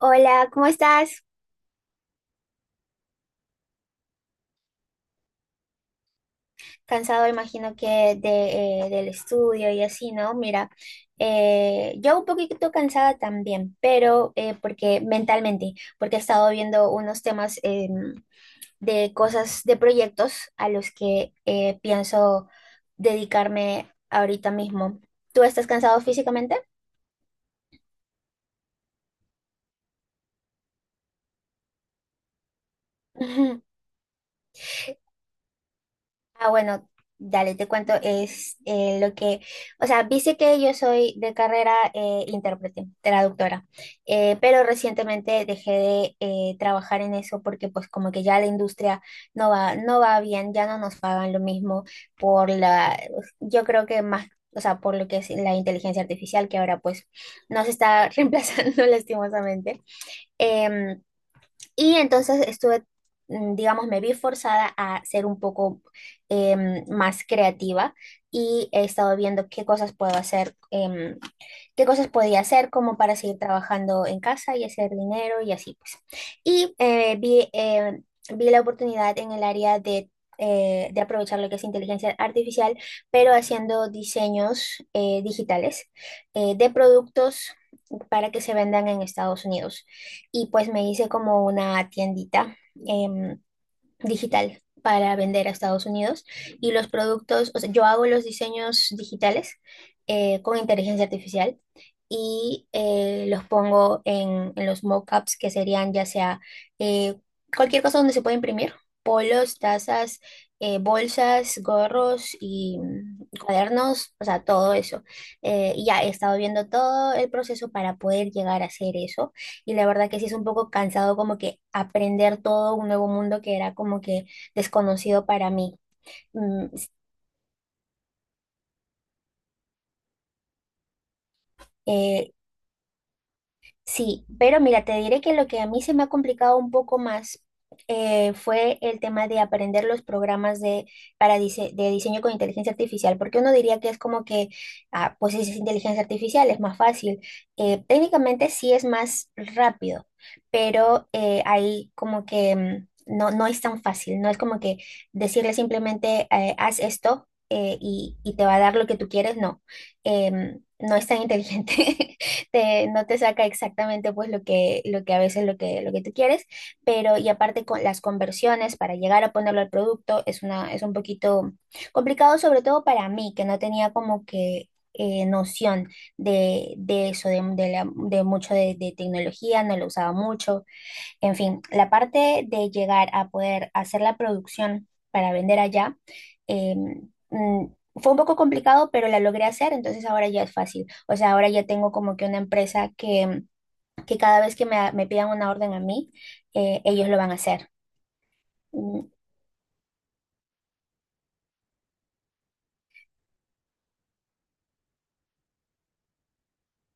Hola, ¿cómo estás? Cansado, imagino que del estudio y así, ¿no? Mira, yo un poquito cansada también, pero porque mentalmente, porque he estado viendo unos temas de cosas, de proyectos a los que pienso dedicarme ahorita mismo. ¿Tú estás cansado físicamente? Ah, bueno, dale, te cuento, o sea, viste que yo soy de carrera intérprete, traductora, pero recientemente dejé de trabajar en eso porque pues como que ya la industria no va bien, ya no nos pagan lo mismo por yo creo que más, o sea, por lo que es la inteligencia artificial que ahora pues nos está reemplazando lastimosamente. Em, y entonces digamos, me vi forzada a ser un poco más creativa y he estado viendo qué cosas puedo hacer, qué cosas podía hacer como para seguir trabajando en casa y hacer dinero y así pues. Y eh, vi, eh, vi la oportunidad en el área de aprovechar lo que es inteligencia artificial, pero haciendo diseños digitales de productos para que se vendan en Estados Unidos. Y pues me hice como una tiendita em, digital para vender a Estados Unidos, y los productos, o sea, yo hago los diseños digitales con inteligencia artificial y los pongo en los mockups que serían ya sea eh, cualquier cosa donde se puede imprimir: polos, tazas, bolsas, gorros y cuadernos, o sea, todo eso. Y ya he estado viendo todo el proceso para poder llegar a hacer eso, y la verdad que sí es un poco cansado, como que aprender todo un nuevo mundo que era como que desconocido para mí. Mm, s- eh, Sí, pero mira, te diré que lo que a mí se me ha complicado un poco más fue el tema de aprender los programas para de diseño con inteligencia artificial, porque uno diría que es como que, ah, pues es inteligencia artificial, es más fácil. Técnicamente sí es más rápido, pero ahí como que no, no es tan fácil, no es como que decirle simplemente, haz esto y te va a dar lo que tú quieres, no. No es tan inteligente. No te saca exactamente pues lo que a veces lo que tú quieres, pero y aparte con las conversiones para llegar a ponerlo al producto es un poquito complicado, sobre todo para mí, que no tenía como que noción de eso, de mucho de tecnología, no lo usaba mucho. En fin, la parte de llegar a poder hacer la producción para vender allá, em, mm, fue un poco complicado, pero la logré hacer, entonces ahora ya es fácil. O sea, ahora ya tengo como que una empresa que cada vez que me pidan una orden a mí, ellos lo van a hacer.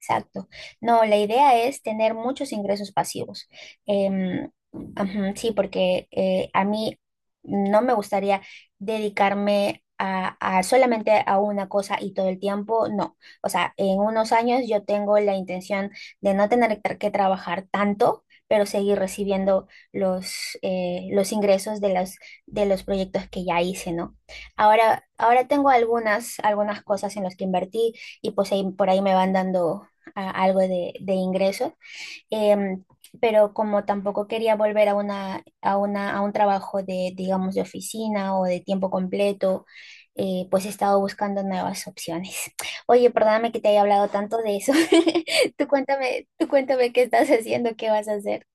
Exacto. No, la idea es tener muchos ingresos pasivos. Em, ajá, sí, porque a mí no me gustaría dedicarme a solamente a una cosa y todo el tiempo, no. O sea, en unos años yo tengo la intención de no tener que trabajar tanto, pero seguir recibiendo los ingresos de los proyectos que ya hice, ¿no? Ahora, ahora tengo algunas, algunas cosas en las que invertí y pues ahí, por ahí me van dando algo de ingreso, em, pero como tampoco quería volver a a un trabajo de, digamos, de oficina o de tiempo completo, pues he estado buscando nuevas opciones. Oye, perdóname que te haya hablado tanto de eso. Tú cuéntame qué estás haciendo, qué vas a hacer.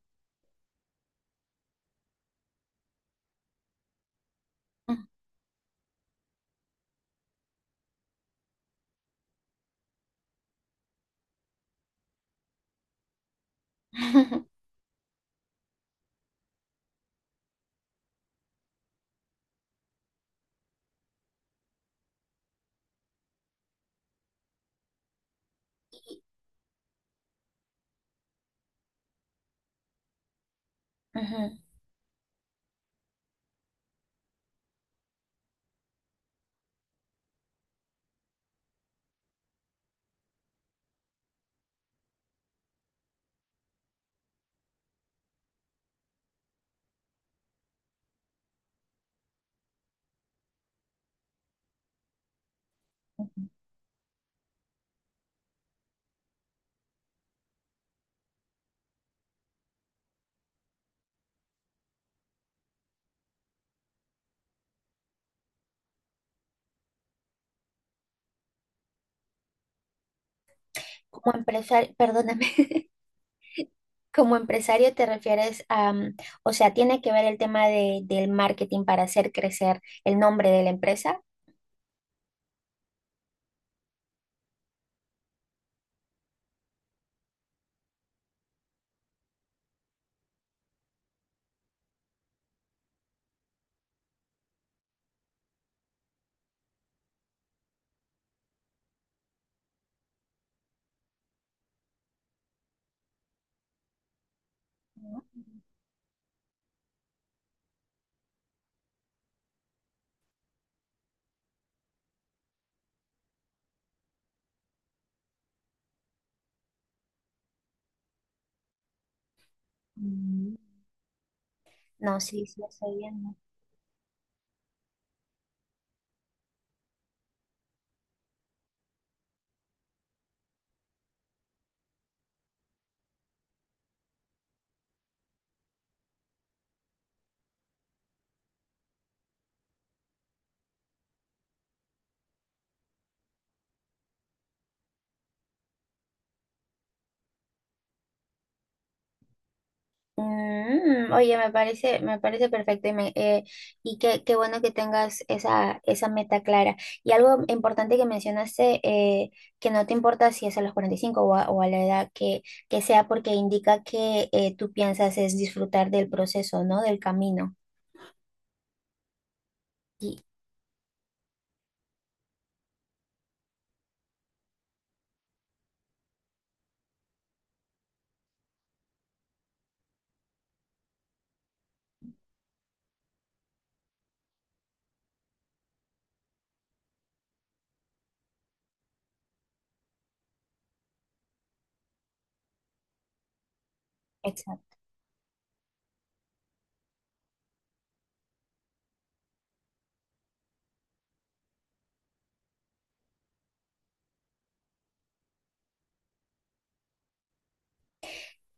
Ujú. Como empresario, perdóname. Como empresario te refieres a, o sea, tiene que ver el tema de, del marketing para hacer crecer el nombre de la empresa. No. Mm. No, sí, sí, estoy viendo. Mm, oye, me parece perfecto y, y qué, qué bueno que tengas esa, esa meta clara. Y algo importante que mencionaste, que no te importa si es a los 45 o a la edad que sea, porque indica que tú piensas es disfrutar del proceso, ¿no? Del camino. Y, exacto,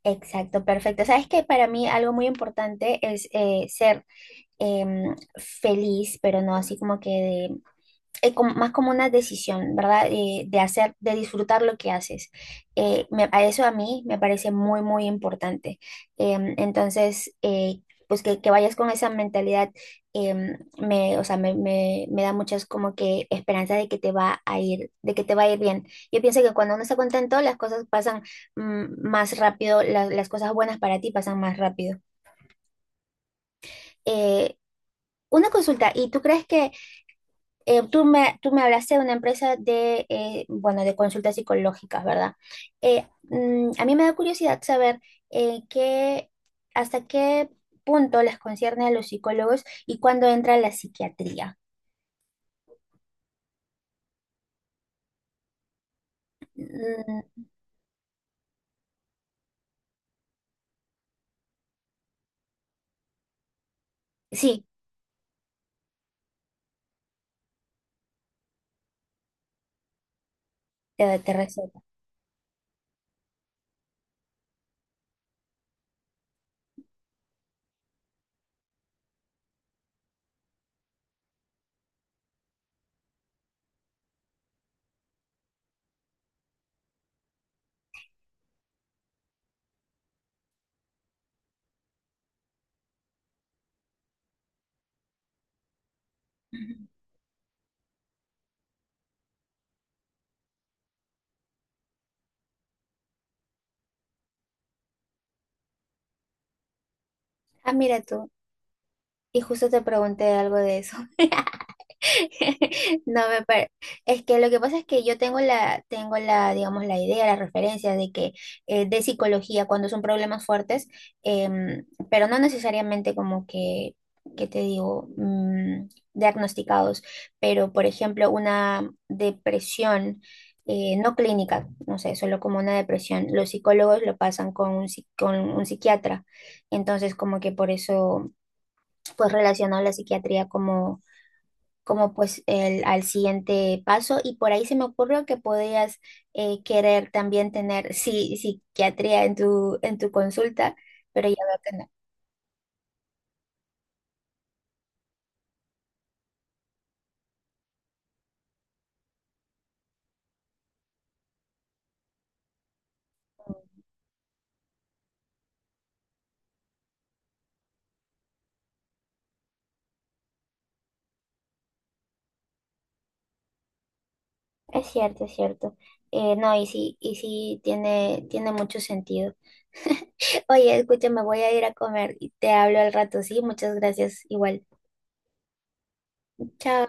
exacto, perfecto. Sabes que para mí algo muy importante es ser feliz, pero no así como que más como una decisión, ¿verdad? De hacer, de disfrutar lo que haces. A eso a mí me parece muy, muy importante. Entonces, pues que vayas con esa mentalidad, o sea, me da muchas como que esperanza de que te va a ir, de que te va a ir bien. Yo pienso que cuando uno está contento, las cosas pasan más rápido, las cosas buenas para ti pasan más rápido. Eh, una consulta, ¿y tú crees que tú me hablaste de una empresa de, bueno, de consultas psicológicas, ¿verdad? A mí me da curiosidad saber eh, qué, hasta qué punto les concierne a los psicólogos y cuándo entra la psiquiatría. Mm, sí, te receta. Ujú. Ah, mira tú. Y justo te pregunté algo de eso. No me parece. Es que lo que pasa es que yo tengo la, digamos, la idea, la referencia de que de psicología cuando son problemas fuertes, pero no necesariamente como que te digo, diagnosticados, pero por ejemplo, una depresión no clínica, no sé, solo como una depresión, los psicólogos lo pasan con un, con un psiquiatra, entonces como que por eso pues relaciono la psiquiatría como como pues el, al siguiente paso y por ahí se me ocurrió que podías querer también tener sí, psiquiatría en tu consulta, pero ya veo que no. Es cierto, es cierto. No, y sí tiene, tiene mucho sentido. Oye, escúchame, voy a ir a comer y te hablo al rato, sí, muchas gracias, igual. Chao.